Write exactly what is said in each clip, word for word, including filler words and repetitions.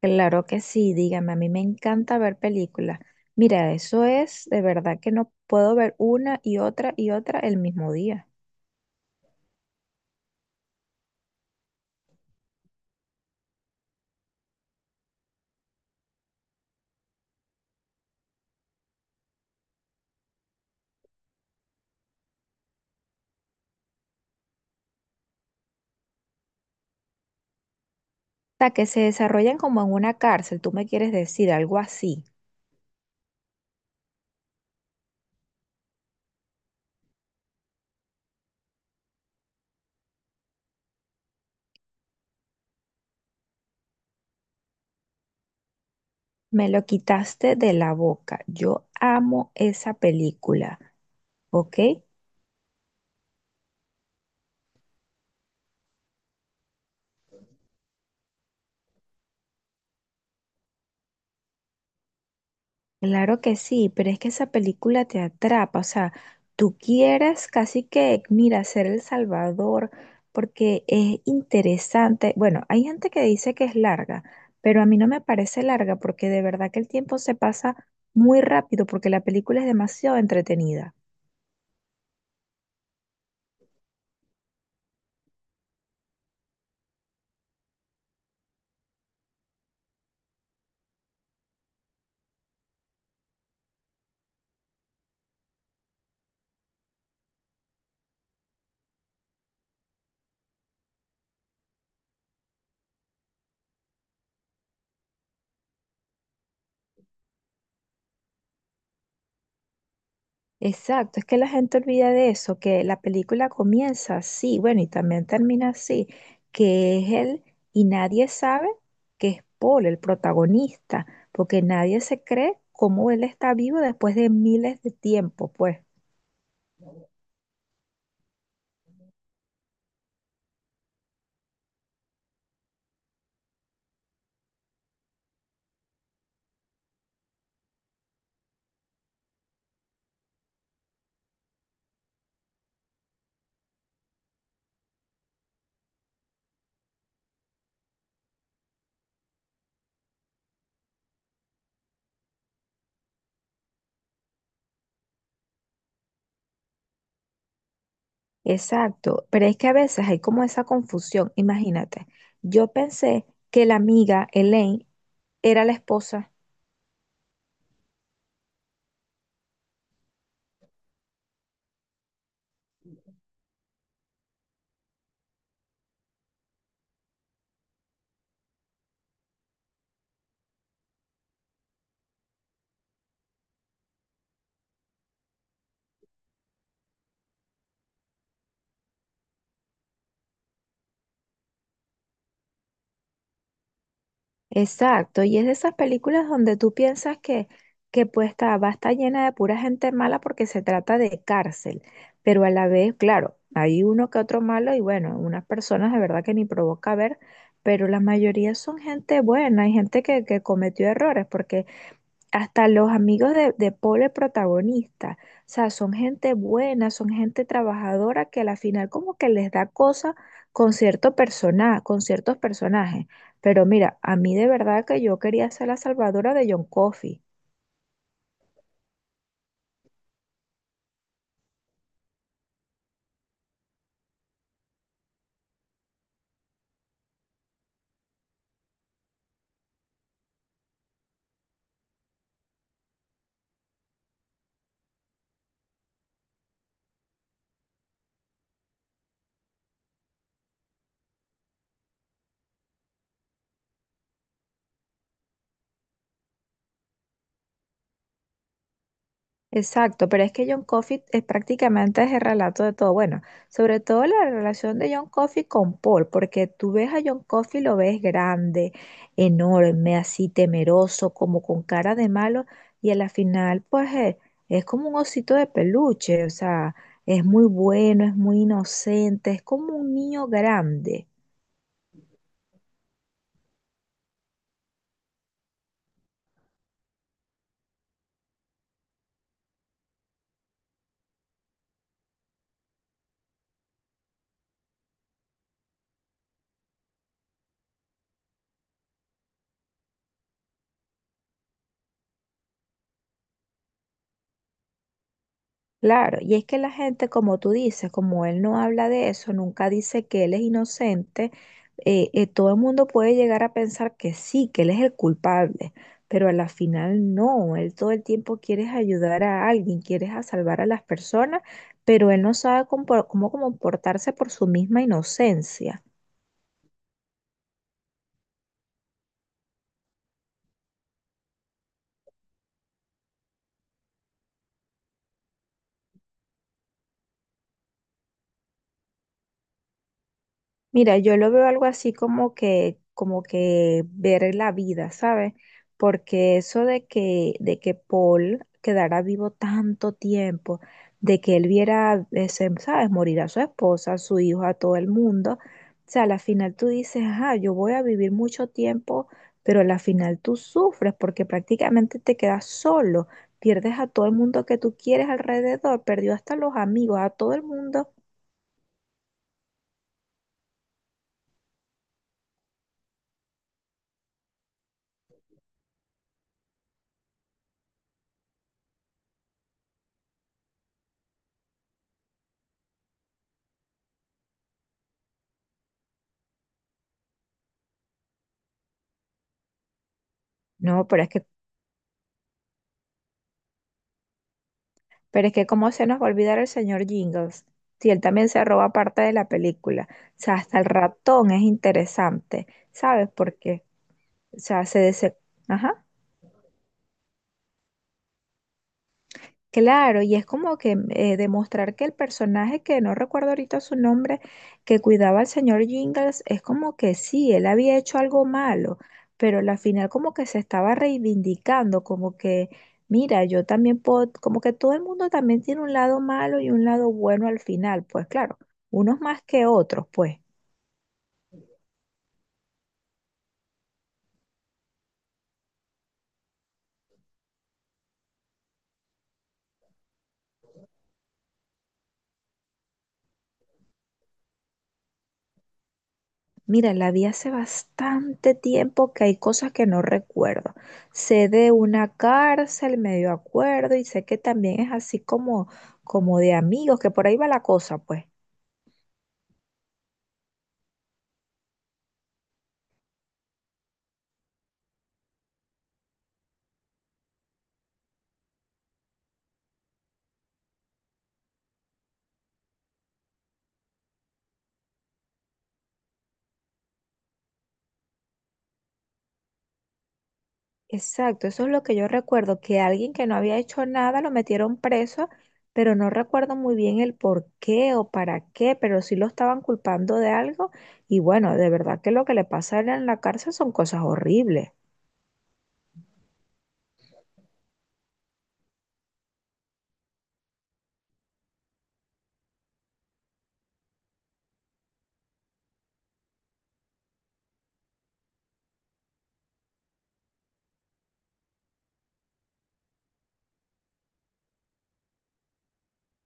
Claro que sí, dígame, a mí me encanta ver películas. Mira, eso es de verdad que no puedo ver una y otra y otra el mismo día. O sea, que se desarrollan como en una cárcel, tú me quieres decir algo así. Me lo quitaste de la boca. Yo amo esa película, ¿ok? Claro que sí, pero es que esa película te atrapa, o sea, tú quieres casi que, mira, ser el salvador, porque es interesante. Bueno, hay gente que dice que es larga, pero a mí no me parece larga porque de verdad que el tiempo se pasa muy rápido porque la película es demasiado entretenida. Exacto, es que la gente olvida de eso, que la película comienza así, bueno, y también termina así, que es él y nadie sabe que es Paul el protagonista, porque nadie se cree cómo él está vivo después de miles de tiempo, pues. Exacto, pero es que a veces hay como esa confusión, imagínate, yo pensé que la amiga Elaine era la esposa. Exacto, y es de esas películas donde tú piensas que, que pues está, va a estar llena de pura gente mala porque se trata de cárcel, pero a la vez, claro, hay uno que otro malo y bueno, unas personas de verdad que ni provoca ver, pero la mayoría son gente buena, hay gente que, que cometió errores, porque hasta los amigos de, de Paul, el protagonista. O sea, son gente buena, son gente trabajadora que a la final como que les da cosa con cierto persona, con ciertos personajes. Pero mira, a mí de verdad que yo quería ser la salvadora de John Coffey. Exacto, pero es que John Coffey es prácticamente es el relato de todo. Bueno, sobre todo la relación de John Coffey con Paul, porque tú ves a John Coffey, lo ves grande, enorme, así temeroso, como con cara de malo, y a la final, pues eh, es, como un osito de peluche, o sea, es muy bueno, es muy inocente, es como un niño grande. Claro, y es que la gente, como tú dices, como él no habla de eso, nunca dice que él es inocente, eh, eh, todo el mundo puede llegar a pensar que sí, que él es el culpable, pero a la final no, él todo el tiempo quiere ayudar a alguien, quiere a salvar a las personas, pero él no sabe compor- cómo comportarse por su misma inocencia. Mira, yo lo veo algo así como que, como que ver la vida, ¿sabes? Porque eso de que, de que, Paul quedara vivo tanto tiempo, de que él viera, ese, ¿sabes? Morir a su esposa, a su hijo, a todo el mundo. O sea, a la final tú dices, ah, yo voy a vivir mucho tiempo, pero a la final tú sufres porque prácticamente te quedas solo, pierdes a todo el mundo que tú quieres alrededor, perdió hasta los amigos, a todo el mundo. No, pero es que Pero es que cómo se nos va a olvidar el señor Jingles, si él también se roba parte de la película. O sea, hasta el ratón es interesante. ¿Sabes por qué? O sea, se dese... Ajá. Claro, y es como que mm, eh, demostrar que el personaje, que no recuerdo ahorita su nombre, que cuidaba al señor Jingles, es como que sí, él había hecho algo malo, pero al final como que se estaba reivindicando, como que, mira, yo también puedo, como que todo el mundo también tiene un lado malo y un lado bueno al final, pues claro, unos más que otros, pues. Mira, la vi hace bastante tiempo que hay cosas que no recuerdo. Sé de una cárcel, medio acuerdo, y sé que también es así como, como de amigos, que por ahí va la cosa, pues. Exacto, eso es lo que yo recuerdo, que alguien que no había hecho nada lo metieron preso, pero no recuerdo muy bien el por qué o para qué, pero sí lo estaban culpando de algo. Y bueno, de verdad que lo que le pasa a él en la cárcel son cosas horribles.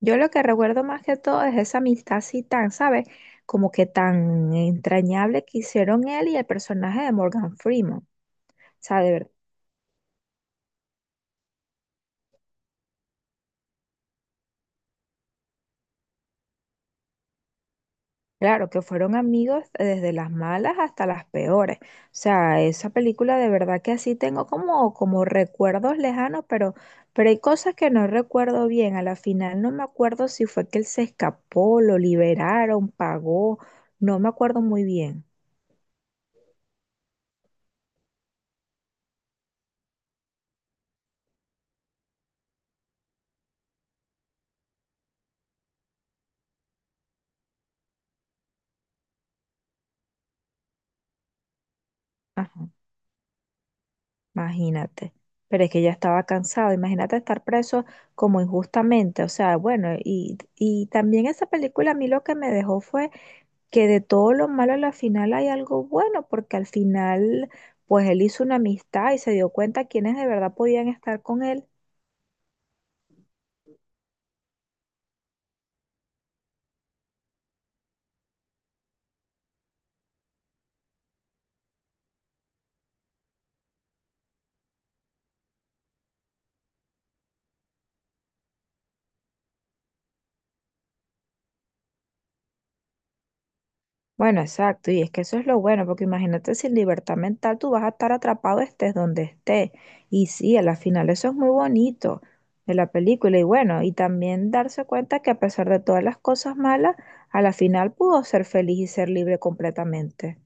Yo lo que recuerdo más que todo es esa amistad así tan, ¿sabes? Como que tan entrañable que hicieron él y el personaje de Morgan Freeman. O sea, de verdad. Claro, que fueron amigos desde las malas hasta las peores. O sea, esa película de verdad que así tengo como, como recuerdos lejanos, pero, pero hay cosas que no recuerdo bien. A la final no me acuerdo si fue que él se escapó, lo liberaron, pagó. No me acuerdo muy bien. Ajá. Imagínate, pero es que ya estaba cansado, imagínate estar preso como injustamente, o sea, bueno, y, y también esa película a mí lo que me dejó fue que de todo lo malo a la final hay algo bueno, porque al final pues él hizo una amistad y se dio cuenta quiénes de verdad podían estar con él. Bueno, exacto, y es que eso es lo bueno, porque imagínate sin libertad mental tú vas a estar atrapado estés donde estés. Y sí, a la final eso es muy bonito de la película, y bueno, y también darse cuenta que a pesar de todas las cosas malas, a la final pudo ser feliz y ser libre completamente.